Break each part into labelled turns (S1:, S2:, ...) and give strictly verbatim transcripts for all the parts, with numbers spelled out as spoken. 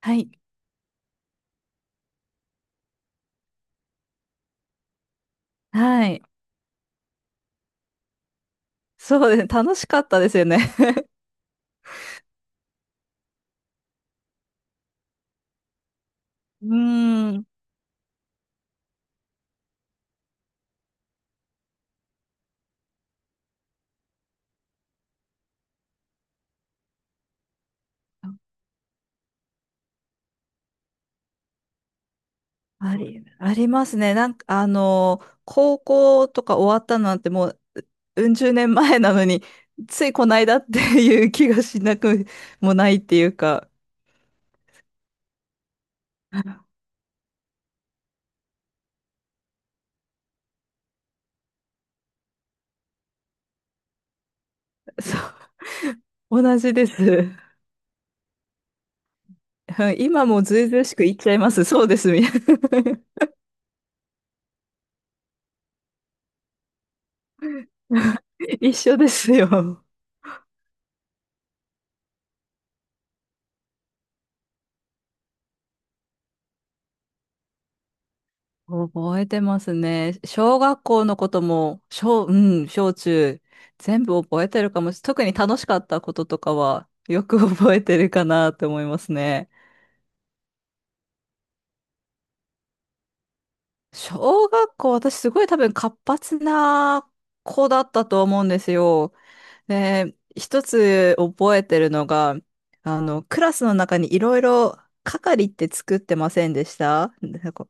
S1: はい。はい。そうですね。楽しかったですよね。うーん。あり、ありますね。なんか、あの、高校とか終わったなんてもう、うん十年前なのに、ついこないだっていう気がしなくもないっていうか、そう、同じです。うん今もずうずうしく言っちゃいます。そうです、みたいな。 一緒ですよ。覚えてますね。小学校のことも、小、うん、小中、全部覚えてるかもし、特に楽しかったこととかは、よく 覚えてるかなって思いますね。小学校、私すごい多分活発な子だったと思うんですよ。で、一つ覚えてるのが、あの、クラスの中にいろいろ係って作ってませんでした？なんかこ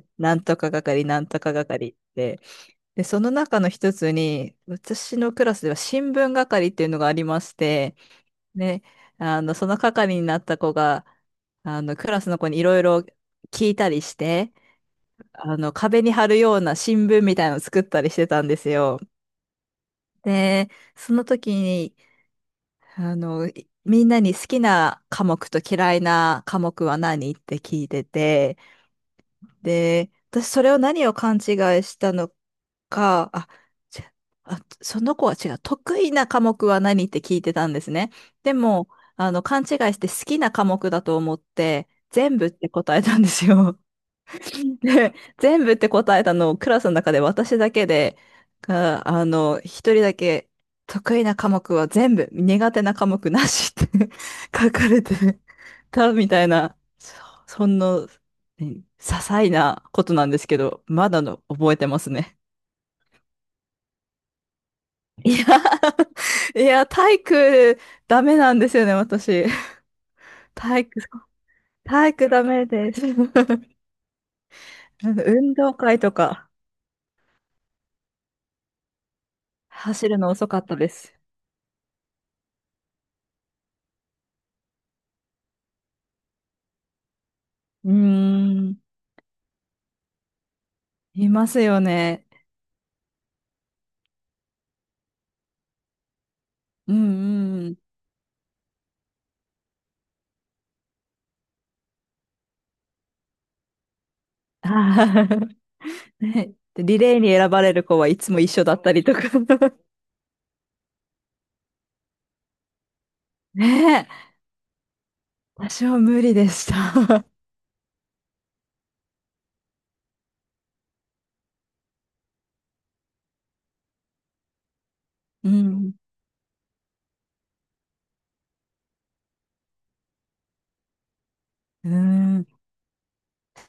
S1: うなんとか係、なんとか係って。で、その中の一つに、私のクラスでは新聞係っていうのがありまして、ね、あの、その係になった子が、あの、クラスの子にいろいろ聞いたりして、あの、壁に貼るような新聞みたいなのを作ったりしてたんですよ。で、その時に、あの、いみんなに好きな科目と嫌いな科目は何って聞いてて、で、私それを何を勘違いしたのか、あ、ちあ、その子は違う。得意な科目は何って聞いてたんですね。でも、あの、勘違いして好きな科目だと思って、全部って答えたんですよ。で、全部って答えたのをクラスの中で私だけで、が、あの、一人だけ得意な科目は全部、苦手な科目なしって 書かれてたみたいな、そ、そんな、ね些細なことなんですけど、まだの覚えてますね。いや、いや、体育ダメなんですよね、私。体育、体育ダメです。運動会とか走るの遅かったです。うーん。いますよね。うんうん。あー ね、でリレーに選ばれる子はいつも一緒だったりとか。 ねえ、私は無理でした。 うん。うん。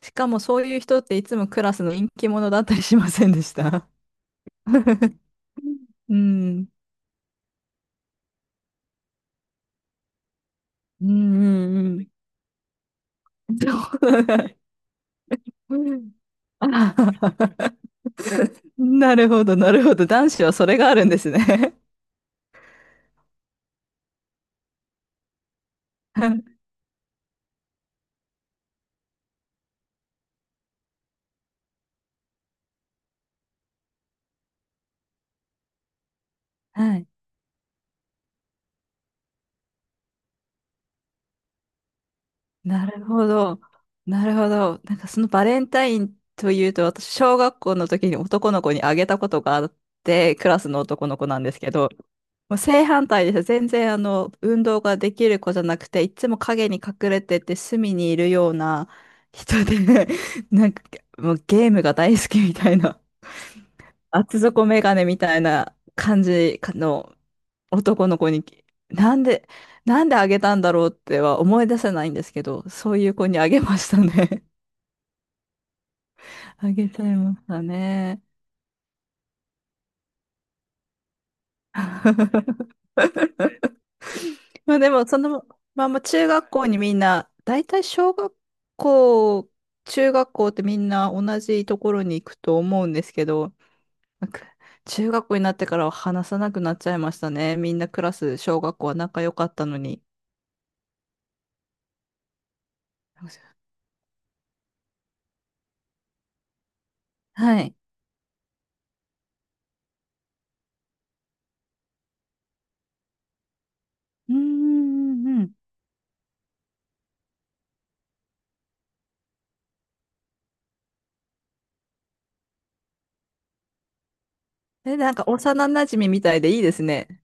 S1: しかもそういう人っていつもクラスの人気者だったりしませんでした？ うん。うんうんうん。そうあはは。 なるほど、なるほど。男子はそれがあるんですね。 はい。なるほど。なるほど。なんかそのバレンタインというと、私、小学校の時に男の子にあげたことがあって、クラスの男の子なんですけど、もう正反対です。全然あの、運動ができる子じゃなくて、いつも影に隠れてて隅にいるような人で、なんかもうゲームが大好きみたいな、厚底メガネみたいな感じの男の子になんで、なんであげたんだろうっては思い出せないんですけど、そういう子にあげましたね。あげちゃいましたね。まあでも、そのまま中学校にみんな、大体小学校、中学校ってみんな同じところに行くと思うんですけど、なんか中学校になってからは話さなくなっちゃいましたね。みんなクラス、小学校は仲良かったのに。はい。うーんうんうん。え、なんか幼馴染みみたいでいいですね。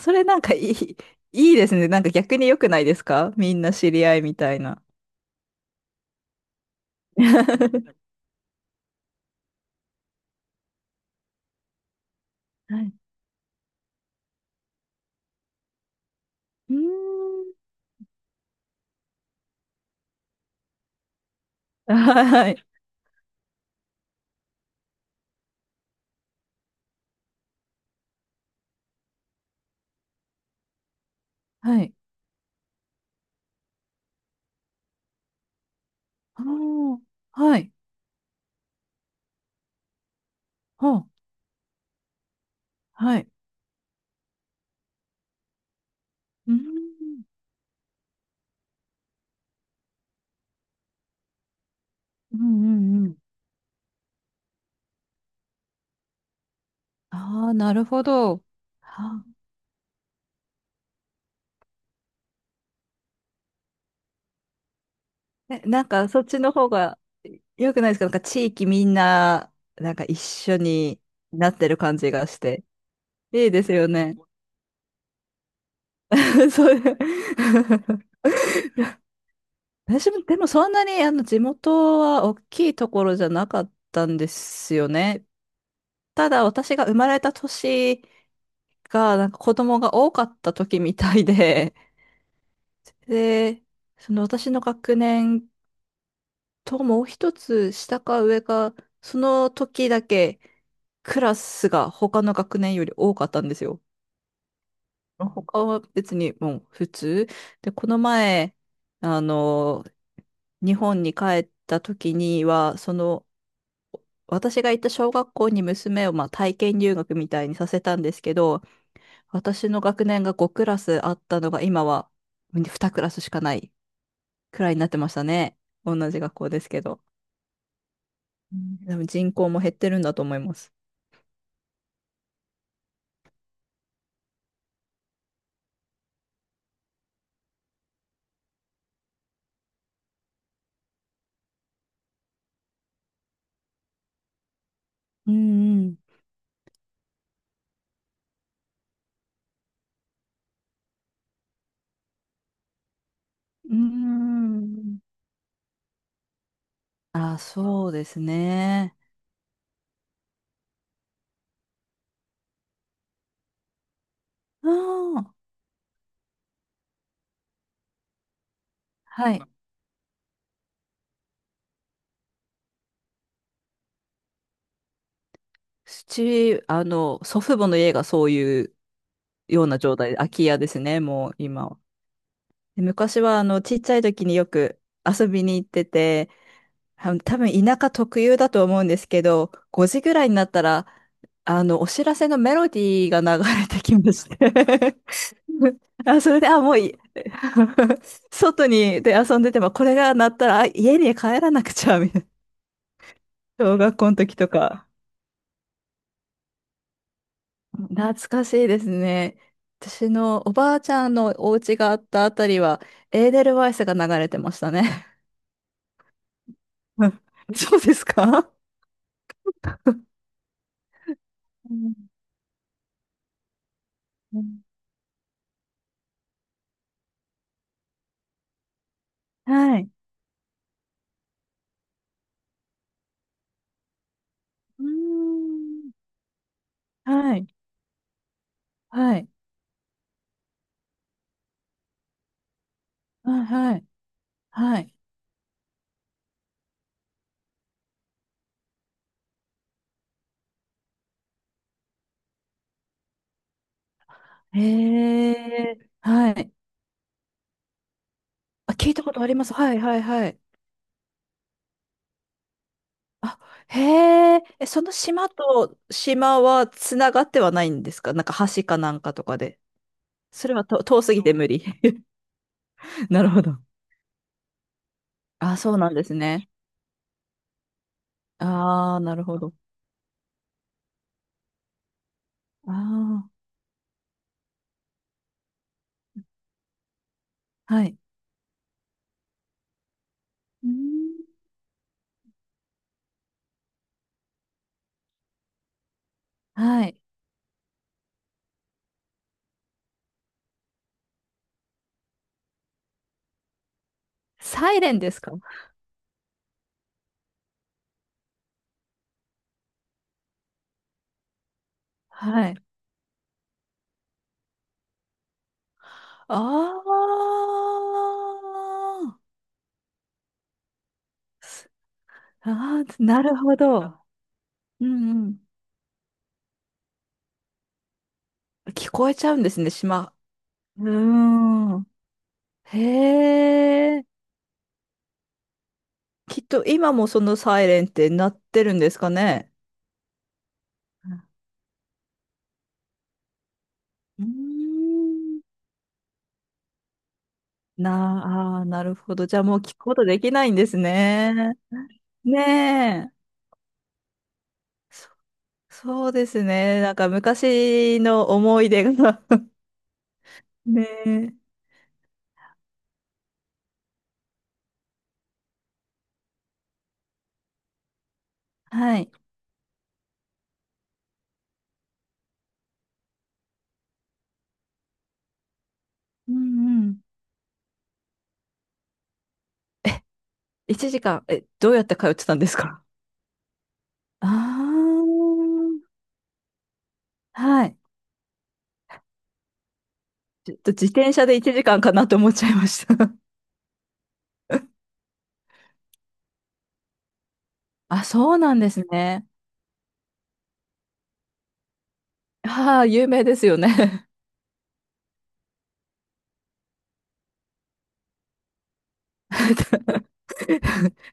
S1: それなんかいい、いいですね。なんか逆に良くないですか？みんな知り合いみたいな。はい。うーん。はい。はい。あーはい。はあはい。うーん。うんうんうん。ああ、なるほど。はあ、え、なんかそっちの方が良くないですか？なんか地域みんな、なんか一緒になってる感じがして。いいですよね。そう。私も、でもそんなにあの地元は大きいところじゃなかったんですよね。ただ私が生まれた年が、なんか子供が多かった時みたいで、で、その私の学年ともう一つ下か上か、その時だけクラスが他の学年より多かったんですよ。他は別にもう普通。で、この前、あの、日本に帰った時には、その、私が行った小学校に娘をまあ体験留学みたいにさせたんですけど、私の学年がごクラスあったのが今はにクラスしかないくらいになってましたね。同じ学校ですけど。うん多分人口も減ってるんだと思います。うんうん。うーん。あ、そうですね。ああ、はい。うち、あの、祖父母の家がそういうような状態で、空き家ですね、もう今は。で昔は、あの、ちっちゃい時によく遊びに行ってて、あの多分田舎特有だと思うんですけど、ごじぐらいになったら、あの、お知らせのメロディーが流れてきまして。 あ、それで、あ、もういい。 外にで遊んでても、これが鳴ったら、あ、家に帰らなくちゃ、みたいな。小学校の時とか。懐かしいですね。私のおばあちゃんのお家があったあたりは、エーデルワイスが流れてましたね。そうですか？うんうんはい。うーん。はい。はい。はい。はい。はい。へえ。はい。あ、聞いたことあります。はい。はい。はい。あ、へえ。え、その島と島はつながってはないんですか？なんか橋かなんかとかで。それはと遠すぎて無理。なるほど。あ、そうなんですね。ああ、なるほど。ああ、はい。うーんはい。サイレンですか？はい。ああ、あーなるほど。うんうん。聞こえちゃうんですね、島。うーん。へえ。きっと今もそのサイレンって鳴ってるんですかね。うん。なあー、なるほど。じゃあもう聞くことできないんですね。ねえ。そ、そうですね。なんか昔の思い出が。 ねえ。はい。うんうん。いちじかん、え、どうやって通ってたんですか？ああー、はい。ちょっと自転車でいちじかんかんかなと思っちゃいました。あ、そうなんですね。ああ、有名ですよね。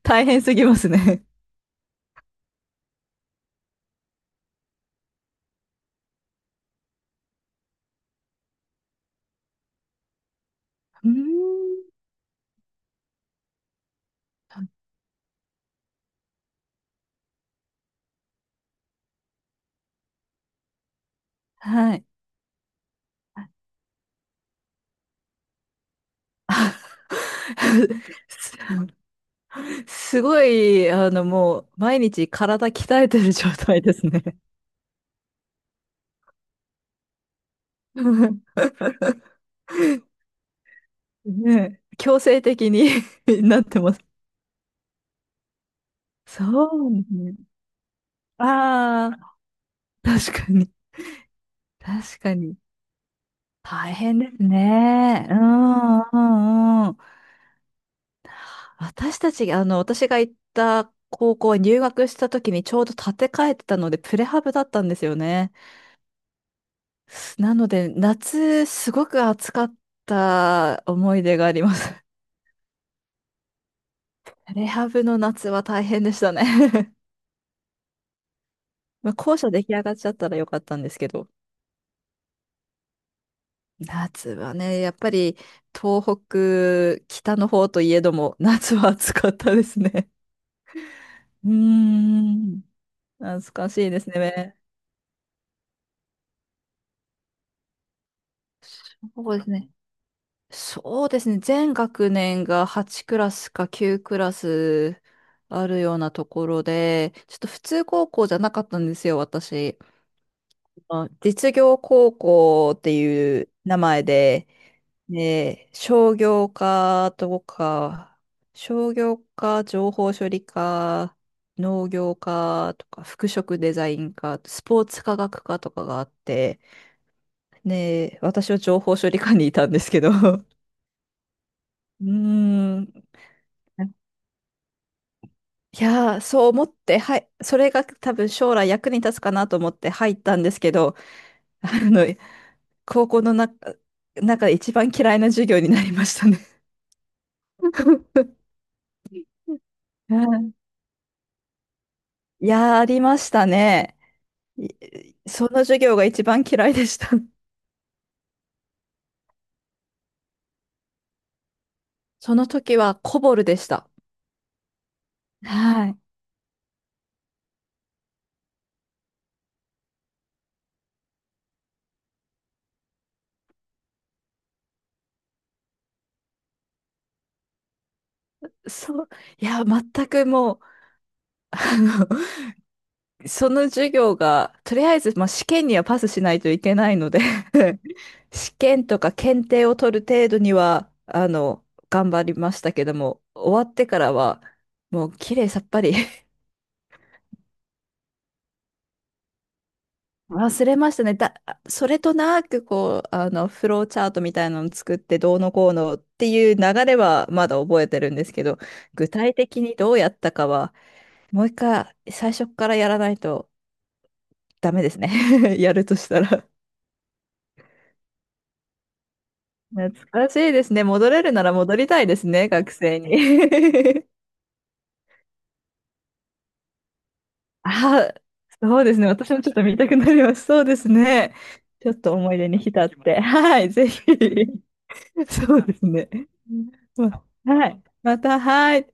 S1: 大変すぎますね。うーん、はい。あ すすごい、あの、もう、毎日体鍛えてる状態ですね。ねえ、強制的に。 なってます。そうね。あ 確かに。確かに。大変ですね。うんうんうん。私たち、あの、私が行った高校は入学した時にちょうど建て替えてたので、プレハブだったんですよね。なので、夏、すごく暑かった思い出があります。プレハブの夏は大変でしたね。まあ、校舎出来上がっちゃったらよかったんですけど。夏はね、やっぱり東北、北の方といえども、夏は暑かったですね。うーん。懐かしいですね。そうですね。そうですね。全学年がはちクラスかきゅうクラスあるようなところで、ちょっと普通高校じゃなかったんですよ、私。あ実業高校っていう名前で、で、商業科とか、商業科、情報処理科、農業科とか、服飾デザイン科、スポーツ科学科とかがあって、ねえ、私は情報処理課にいたんですけど。うーん。いやー、そう思って、はい、それが多分将来役に立つかなと思って入ったんですけど、あの、高校の中、中で一番嫌いな授業になりましたね。うん いやー、ありましたね。いその授業が一番嫌いでした。その時はコボルでした。はい。そう、いや、全くもう、あのその授業が、とりあえず、まあ、試験にはパスしないといけないので 試験とか検定を取る程度には、あの、頑張りましたけども、終わってからは、もう綺麗さっぱり。 忘れましたね。だ、それとなく、こう、あの、フローチャートみたいなのを作って、どうのこうのっていう流れはまだ覚えてるんですけど、具体的にどうやったかは、もう一回、最初からやらないとダメですね。 やるとしたら懐かしいですね。戻れるなら戻りたいですね、学生に。あ、そうですね。私もちょっと見たくなります。そうですね。ちょっと思い出に浸って。はい、ぜひ。そうですね。まあはい。また、はい。